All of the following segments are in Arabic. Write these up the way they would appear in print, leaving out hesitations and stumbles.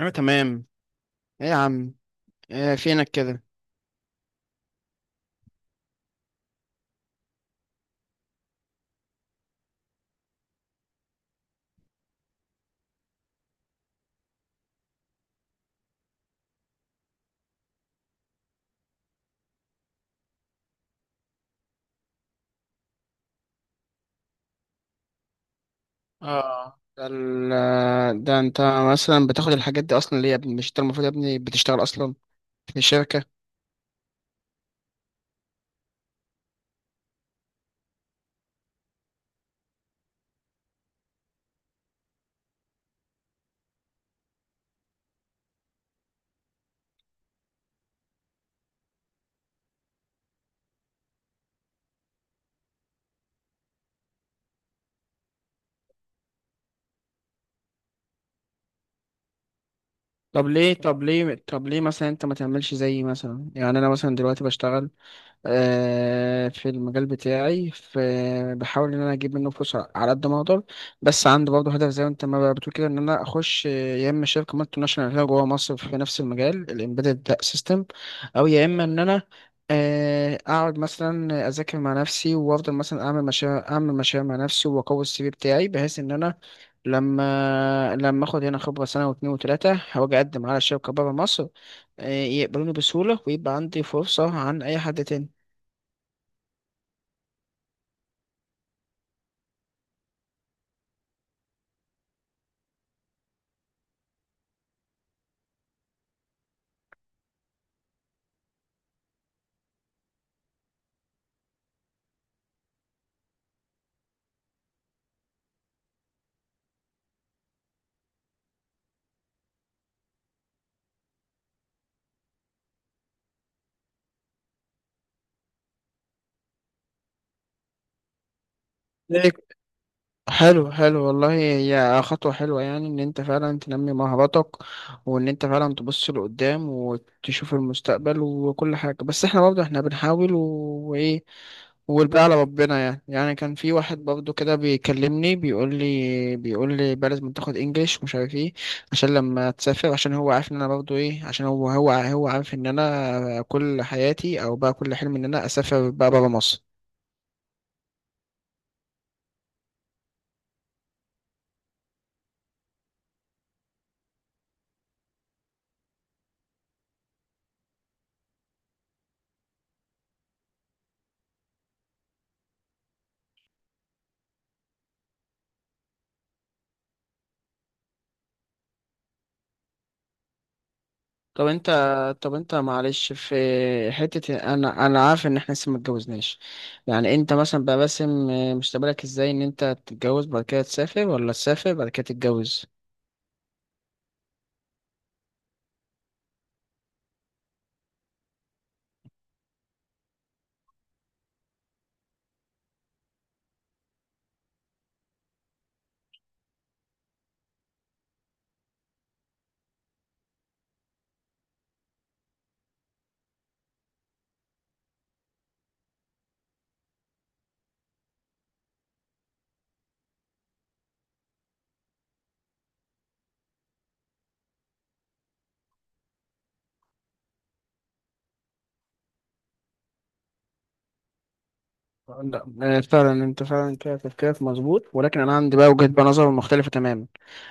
انا تمام. ايه يا عم؟ إيه فينك كده؟ اه، ده ال ده انت مثلا بتاخد الحاجات دي اصلا ليه يا ابني؟ مش انت المفروض يا ابني بتشتغل اصلا في الشركة؟ طب ليه مثلا انت ما تعملش زيي؟ مثلا يعني انا مثلا دلوقتي بشتغل في المجال بتاعي، بحاول ان انا اجيب منه فلوس على قد ما اقدر، بس عندي برضه هدف زي ما انت ما بتقول كده ان انا اخش، يا اما شركه مالتي ناشونال هنا جوه مصر في نفس المجال الامبيدد سيستم، او يا اما ان انا اقعد مثلا اذاكر مع نفسي وافضل مثلا اعمل مشاريع اعمل مشاريع مع نفسي واقوي السي في بتاعي، بحيث ان انا لما اخد هنا خبره سنه واتنين وتلاته هواجي اقدم على شركه بره مصر، يقبلوني بسهوله ويبقى عندي فرصه عن اي حد تاني. ليك. حلو حلو والله، هي خطوة حلوة يعني، إن أنت فعلا تنمي مهاراتك وإن أنت فعلا تبص لقدام وتشوف المستقبل وكل حاجة، بس إحنا برضه إحنا بنحاول و- وإيه، والباقي على ربنا. يعني كان في واحد برضه كده بيكلمني، بيقول لي بقى لازم تاخد إنجليش ومش عارف إيه عشان لما تسافر، عشان هو عارف إن أنا برضه إيه، عشان هو عارف إن أنا كل حياتي، أو بقى كل حلم إن أنا أسافر بقى برا مصر. طب انت، معلش، في حتة، انا عارف ان احنا لسه ما اتجوزناش، يعني انت مثلا بقى باسم مستقبلك ازاي، ان انت تتجوز بعد كده تسافر ولا تسافر بعد كده تتجوز؟ لا فعلا انت فعلا كده تفكيرك مظبوط، ولكن انا عندي بقى وجهة بقى نظر مختلفة تماما.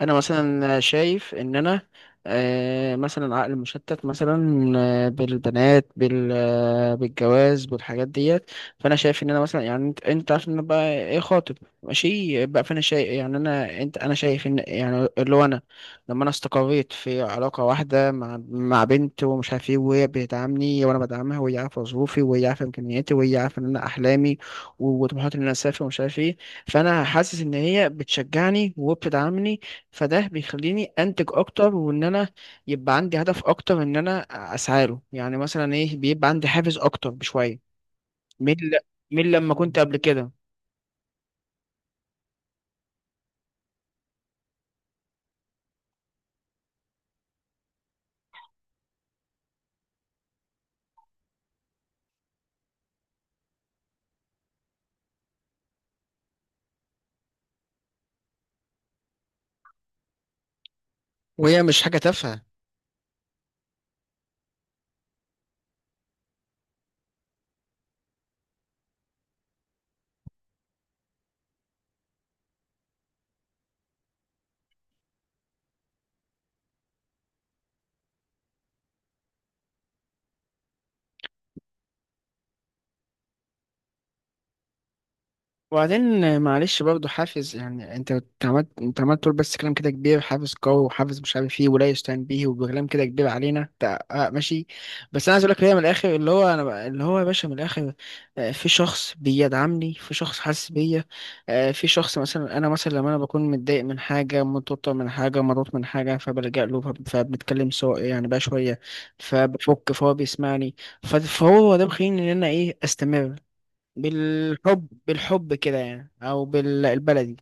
انا مثلا شايف ان انا مثلا عقل مشتت مثلا بالبنات، بالجواز بالحاجات ديت. فانا شايف ان انا مثلا، يعني انت عارف ان انا بقى ايه، خاطب، ماشي بقى. فانا شايف، يعني انا شايف ان يعني اللي هو انا لما انا استقريت في علاقة واحدة مع بنت ومش عارف ايه، وهي بتدعمني وانا بدعمها، وهي عارفة ظروفي وهي عارفة امكانياتي وهي عارفة ان انا احلامي وطموحات ان انا اسافر ومش عارف ايه، فانا حاسس ان هي بتشجعني وبتدعمني، فده بيخليني انتج اكتر وان انا يبقى عندي هدف اكتر ان انا اسعى له، يعني مثلا ايه، بيبقى عندي حافز اكتر بشويه من ل- من لما كنت قبل كده. وهي مش حاجه تافهه. وبعدين معلش برضه حافز، يعني انت عملت تقول بس كلام كده كبير، حافز قوي وحافز مش عارف ايه ولا يستهان به، وكلام كده كبير علينا انت، اه ماشي. بس انا عايز اقول لك هي من الاخر، اللي هو اللي هو يا باشا من الاخر، اه، في شخص بيدعمني، في شخص حاسس بيا، اه، في شخص مثلا انا مثلا لما انا بكون متضايق من حاجه، متوتر من حاجه، مضغوط من حاجه، فبلجأ له، فبنتكلم سوا يعني بقى شويه، فبفك، فهو بيسمعني، فهو ده مخليني ان انا ايه، استمر، بالحب بالحب كده يعني، او بالبلدي.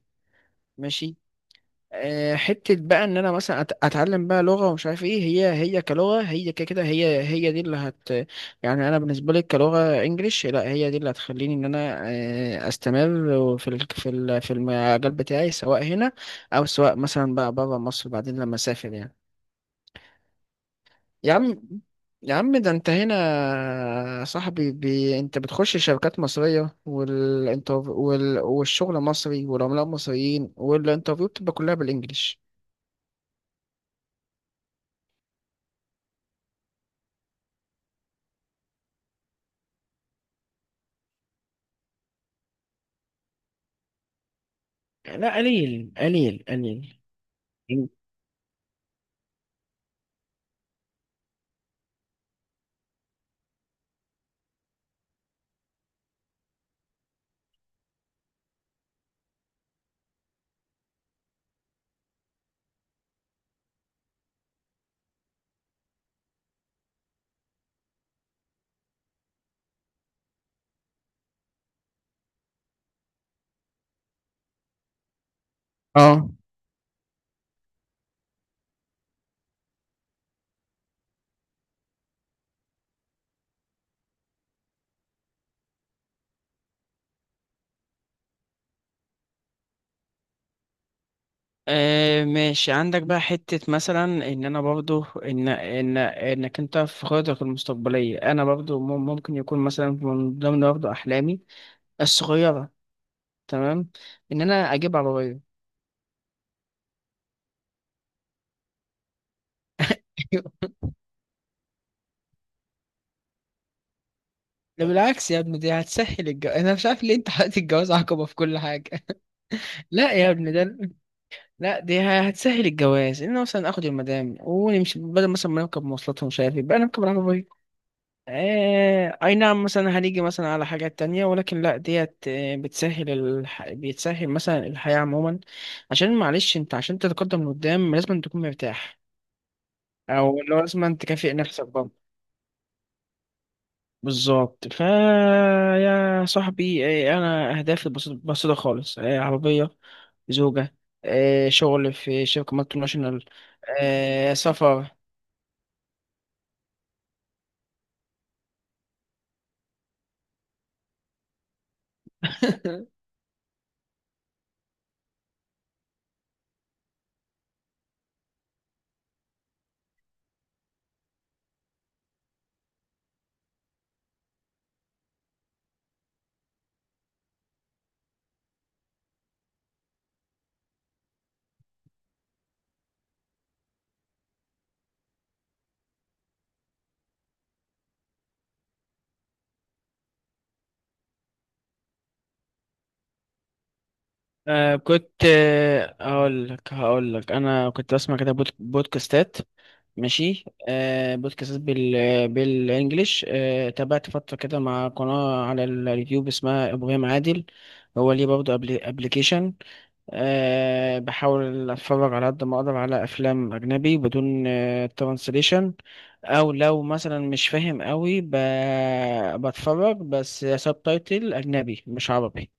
ماشي. حتة بقى ان انا مثلا اتعلم بقى لغة ومش عارف ايه، هي كلغة، هي كده كده، هي دي اللي يعني، انا بالنسبة لي كلغة انجليش، لا هي دي اللي هتخليني ان انا استمر في المجال بتاعي، سواء هنا او سواء مثلا بقى بره مصر بعدين لما اسافر يعني. يا عم، ده انت هنا يا صاحبي، انت بتخش شركات مصرية، والشغل مصري والعملاء مصريين والانترفيو بتبقى كلها بالانجلش. لا قليل قليل قليل. اه. آه ماشي، عندك بقى حتة مثلا، ان انا برضو ان انك انت في خططك المستقبلية انا برضو ممكن يكون مثلا من ضمن برضو احلامي الصغيرة، تمام، ان انا اجيب عربية. ده بالعكس يا ابني، دي هتسهل الجواز. انا مش عارف ليه انت حاطط الجواز عقبة في كل حاجة. لا يا ابني ده، لا دي هتسهل الجواز، ان أنا مثلا اخد المدام ونمشي، بدل مثلا ما نركب مواصلات ومش عارف إيه، بقى نركب العربية. اي نعم، مثلا هنيجي مثلا على حاجات تانية، ولكن لا ديت بتسهل بتسهل مثلا الحياة عموما، عشان معلش انت عشان تتقدم لقدام لازم تكون مرتاح، او لو لازم تكافئ نفسك. بالظبط. يا صاحبي، انا اهدافي بسيطه بسيطة خالص: عربيه، زوجه، شغل في شركه مالتي ناشونال، سفر. كنت هقول لك انا كنت بسمع كده بودكاستات. ماشي، بودكاستات بالانجلش، تابعت فتره كده مع قناه على اليوتيوب اسمها ابراهيم عادل. هو ليه برضه ابليكيشن. أه، بحاول اتفرج على قد ما اقدر على افلام اجنبي بدون ترانسليشن، او لو مثلا مش فاهم قوي بتفرج بس سبتايتل اجنبي مش عربي.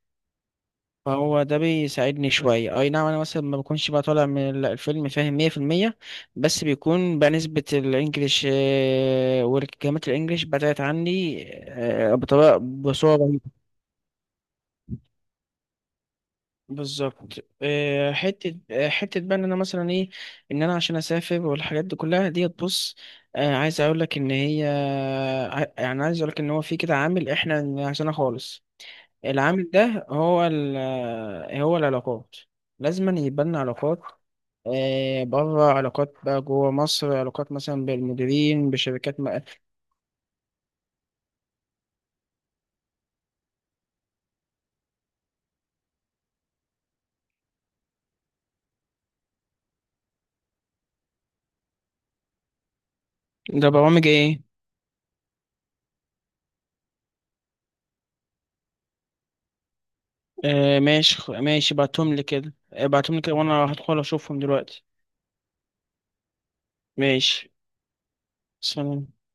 فهو ده بيساعدني شوية. أي نعم، أنا مثلا ما بكونش بقى طالع من الفيلم فاهم 100%، بس بيكون بقى نسبة الإنجليش والكلمات الإنجليش بدأت عني بطريقة بصورة. بالظبط. حتة بقى ان انا مثلا ايه، ان انا عشان اسافر والحاجات دي كلها ديت، بص، عايز اقول لك ان هي، يعني عايز اقول لك ان هو في كده عامل احنا نسيناه خالص. العامل ده هو هو العلاقات. لازم يبقى لنا علاقات بره، علاقات بقى جوه مصر، علاقات مثلا بالمديرين بشركات ما. ده برامج ايه؟ ماشي. ماشي، بعتهم لي كده. بعتهم لي كده وانا هدخل اشوفهم دلوقتي. ماشي. سلام.